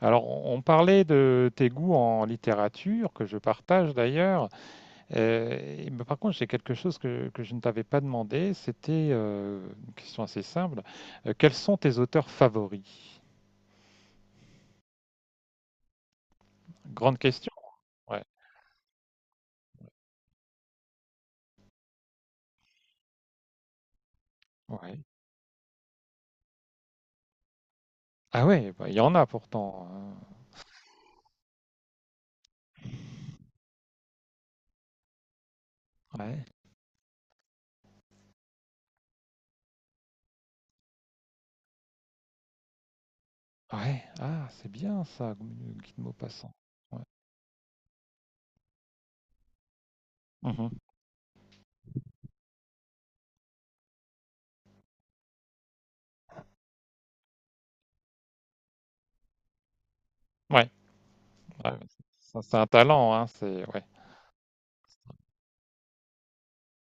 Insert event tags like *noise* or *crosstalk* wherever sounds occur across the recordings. Alors, on parlait de tes goûts en littérature, que je partage d'ailleurs. Euh, mais par contre, j'ai quelque chose que je ne t'avais pas demandé. C'était une question assez simple. Quels sont tes auteurs favoris? Grande question. Ouais. Ouais. Ah ouais, bah, il y en a pourtant, hein. Ouais. Ouais. Ah, c'est bien ça, Guy de Maupassant. Ouais. Mhm. Ouais. Ouais, ça, c'est un talent, hein. C'est ouais.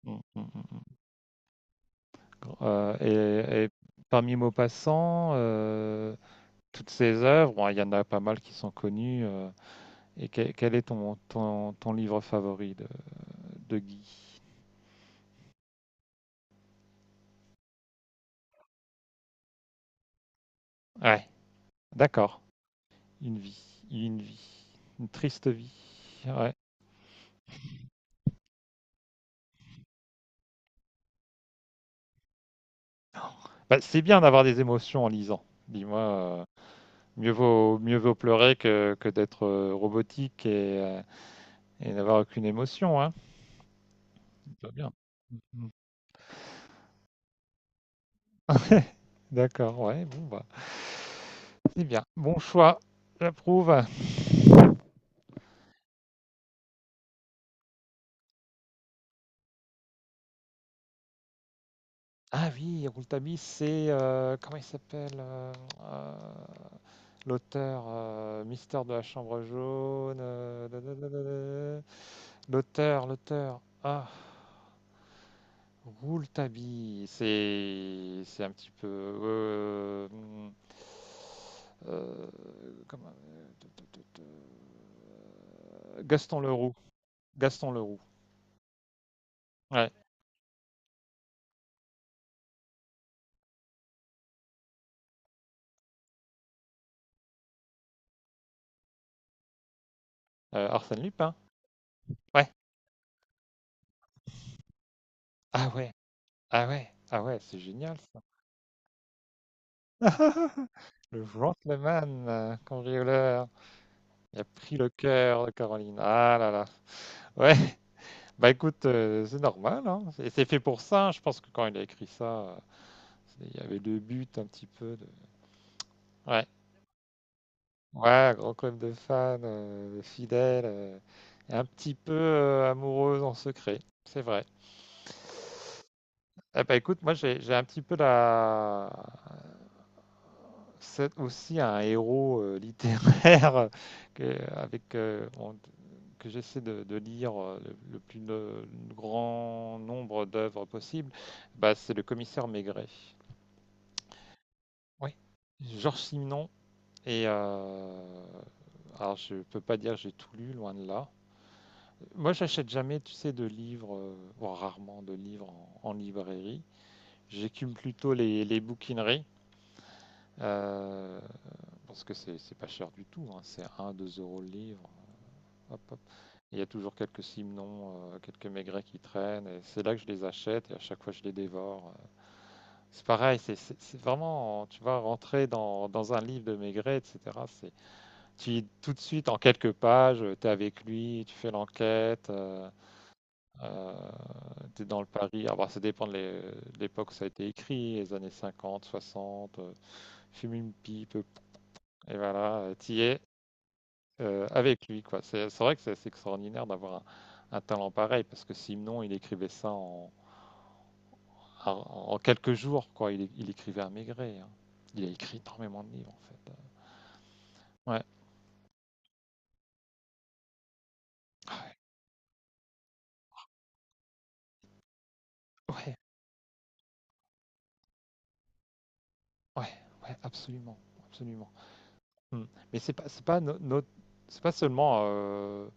Mm, mm, mm, mm. Et parmi Maupassant, toutes ses œuvres. Bon, il y en a pas mal qui sont connues, quel est ton, ton livre favori de Guy? Ouais, d'accord. Une vie, une vie, une triste vie. Ouais. Bah, c'est bien d'avoir des émotions en lisant. Dis-moi, euh, mieux vaut pleurer que d'être robotique et n'avoir aucune émotion, hein. C'est pas bien. Mhm. *laughs* D'accord, ouais, bon, bah, c'est bien. Bon choix, j'approuve. Ah oui, Rouletabille, c'est comment il s'appelle euh, l'auteur, Mystère de la Chambre jaune, da, da, da, da, da. L'auteur, l'auteur. Ah, Rouletabille, c'est un petit peu euh, comment, Gaston Leroux, Gaston Leroux. Ouais, Arsène Lupin. Ouais. Ah ouais, ah ouais, ah ouais, c'est génial ça. *laughs* Le gentleman cambrioleur, il a pris le cœur de Caroline. Ah là là. Ouais, *laughs* bah écoute, c'est normal, hein. C'est fait pour ça. Je pense que quand il a écrit ça, il y avait le but un petit peu. De. Ouais, ouais, grand club de fans, de fidèles, et un petit peu amoureuse en secret. C'est vrai. Eh bah écoute, moi j'ai un petit peu la, c'est aussi un héros *laughs* littéraire que, avec, que j'essaie de lire le plus no- le grand nombre d'œuvres possible, bah, c'est le commissaire Maigret. Oui. Georges Simenon. Et alors, je peux pas dire que j'ai tout lu, loin de là. Moi, j'achète jamais, tu sais, de livres, voire rarement de livres en librairie. J'écume plutôt les bouquineries. Euh, Parce que c'est pas cher du tout, hein, c'est 1 deux euros le livre. Hop, hop. Il y a toujours quelques simnons, quelques maigrets qui traînent, et c'est là que je les achète, et à chaque fois je les dévore. C'est pareil, c'est vraiment, tu vois, rentrer dans un livre de Maigret, etc. c'est- tout de suite, en quelques pages, tu es avec lui, tu fais l'enquête, euh, tu es dans le Paris. Alors, bah, ça dépend de l'époque où ça a été écrit, les années 50, 60, fume une pipe, et voilà, t'y es, avec lui, quoi. C'est vrai que c'est assez extraordinaire d'avoir un talent pareil, parce que sinon, il écrivait ça en- en quelques jours, quoi. Il écrivait à Maigret, hein. Il a écrit énormément de livres, en fait. Ouais, ouais, ouais, ouais, absolument, absolument. Mm. Mais c'est pas seulement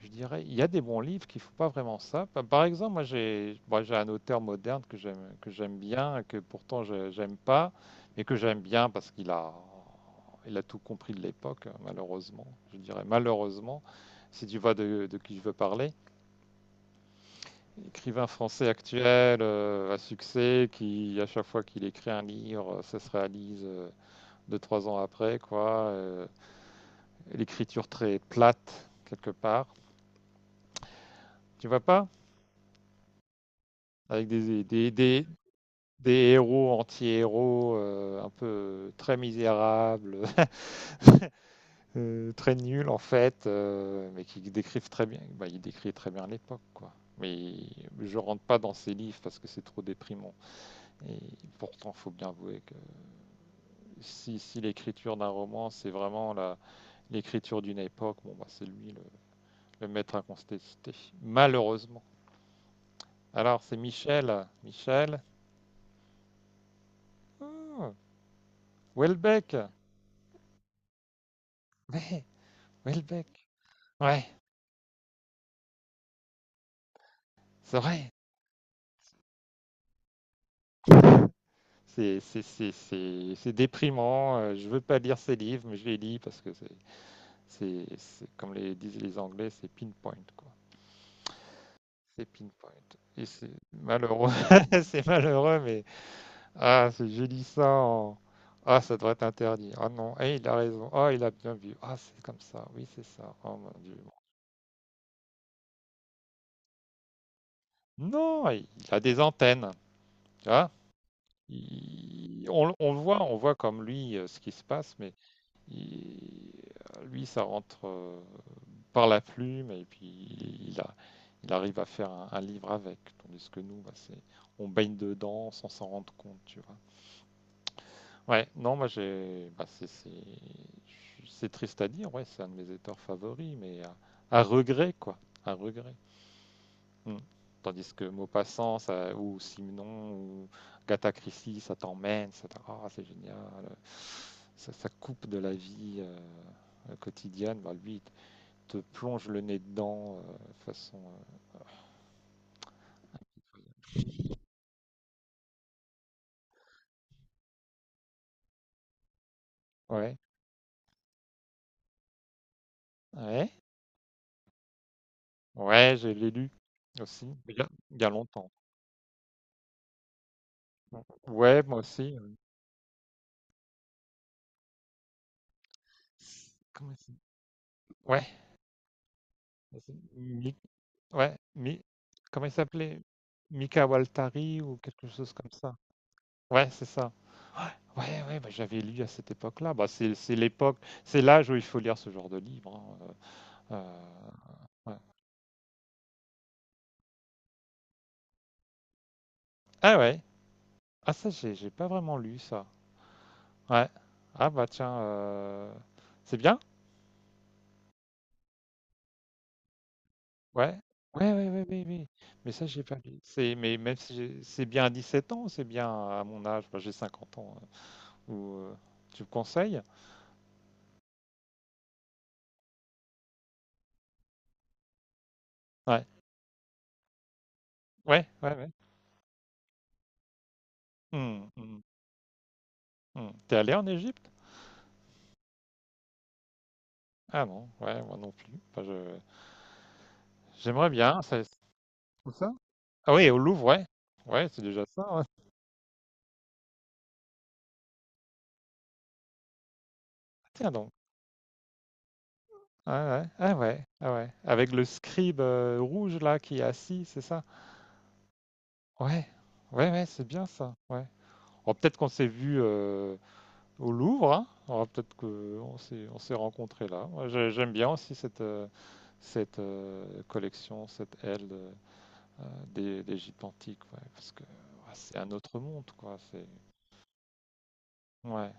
je dirais, il y a des bons livres qui font pas vraiment ça. Par exemple, moi j'ai bon, j'ai un auteur moderne que j'aime bien, que pourtant j'aime pas, mais que j'aime bien parce qu'il a tout compris de l'époque, hein, malheureusement. Je dirais malheureusement, si tu vois de qui je veux parler. Écrivain français actuel à succès qui, à chaque fois qu'il écrit un livre, ça se réalise deux, trois ans après, quoi. L'écriture très plate, quelque part. Tu vois pas? Avec des héros anti-héros un peu très misérables, *laughs* très nuls en fait, mais qui décrivent très bien. Bah, il décrit très bien l'époque, quoi. Mais je rentre pas dans ses livres parce que c'est trop déprimant. Et pourtant, faut bien avouer que si l'écriture d'un roman, c'est vraiment l'écriture d'une époque, bon, bah, c'est lui le maître incontesté. Malheureusement. Alors, c'est Michel. Michel. Oh, Houellebecq. Mais Houellebecq. Ouais, c'est vrai. C'est déprimant. Je veux pas lire ces livres, mais je les lis parce que comme les disent les Anglais, c'est pinpoint, quoi. C'est pinpoint. Et c'est malheureux. *laughs* C'est malheureux, mais je lis ça en. Ah, ça devrait être interdit. Ah non, eh, il a raison. Ah, il a bien vu. Ah, c'est comme ça. Oui, c'est ça. Oh mon Dieu. Non, il a des antennes. Tu vois? On le voit, on voit comme lui ce qui se passe, mais il- lui, ça rentre par la plume et puis il arrive à faire livre avec. Tandis que nous, bah, c'est, on baigne dedans sans s'en rendre compte, tu vois. Ouais, non, moi j'ai, bah, c'est triste à dire, ouais, c'est un de mes auteurs favoris, mais regret, quoi, à regret. Mm. Tandis que Maupassant, ça, ou Simon, ou Gata Christie, ça t'emmène, ça oh, c'est génial, coupe de la vie quotidienne, bah, lui, il te plonge le nez dedans de façon Ouais, ouais, ouais, je l'ai lu aussi, mais il y a longtemps. Ouais, moi aussi. Comment il s'appelle. Ouais, c'est Mi- ouais, Mi- comment il s'appelait? Mika Waltari ou quelque chose comme ça. Ouais, c'est ça. Ouais, ouais, ouais, bah, j'avais lu à cette époque-là. Bah, c'est l'époque, c'est l'âge où il faut lire ce genre de livre, hein, euh, ouais. Ah ouais, ah ça, j'ai pas vraiment lu ça. Ouais. Ah bah tiens, c'est bien. Ouais. Ouais, ouais, ouais, ouais, ouais. Mais ça, j'ai pas lu. Mais même si c'est bien à 17 ans, c'est bien à mon âge, bah, j'ai 50 ans. Ou, euh, tu me conseilles? Ouais, ouais, ouais, ouais. Hmm, hmm, hmm. T'es allé en Égypte? Ah non, ouais, moi non plus. Enfin, j'aimerais bien. Ça. Où ça? Ah oui, au Louvre, ouais. Ouais, c'est déjà ça, ouais. Tiens donc. Ah ouais, ah ouais, ah ouais. Avec le scribe rouge là qui est assis, c'est ça? Ouais, ouais, ouais, c'est bien ça. Ouais. Oh, peut-être qu'on s'est vu au Louvre, hein. Alors, peut-être qu'on s'est, on s'est rencontrés là. Moi, j'aime bien aussi cette collection, cette des gîtes antiques, ouais, parce que ouais, c'est un autre monde, quoi. C'est, ouais.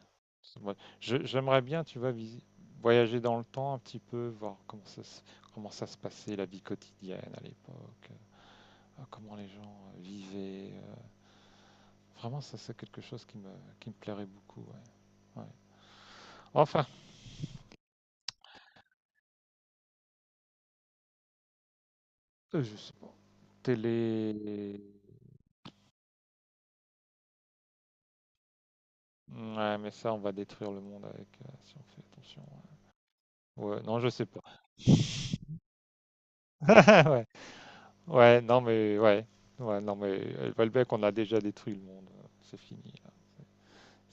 Ouais. J'aimerais bien, tu vois, voyager dans le temps un petit peu, voir comment ça se passait, la vie quotidienne à l'époque, comment les gens vivaient. Vraiment, ça, c'est quelque chose qui me plairait beaucoup, ouais. Ouais. Enfin, je sais pas. Télé, ouais, mais ça, on va détruire le monde avec si on fait attention. Ouais, ouais, non, je sais pas. *laughs* Ouais. Ouais, non, mais ouais. Ouais, non, mais Valbec, on a déjà détruit le monde. C'est fini.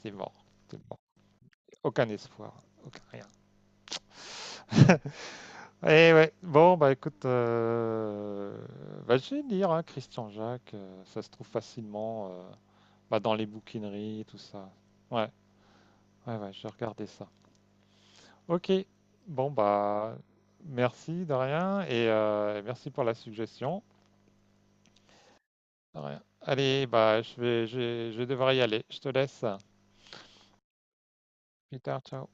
C'est mort. C'est mort. Aucun espoir. Aucun rien. *laughs* Eh ouais. Bon, bah écoute, bah, je vais lire, hein, Christian Jacques, ça se trouve facilement bah, dans les bouquineries et tout ça. Ouais, ouais, ouais, j'ai regardé ça. Ok, bon bah merci Darien et merci pour la suggestion. Darien. Allez, bah je vais devoir y aller. Je te laisse. Plus tard, ciao.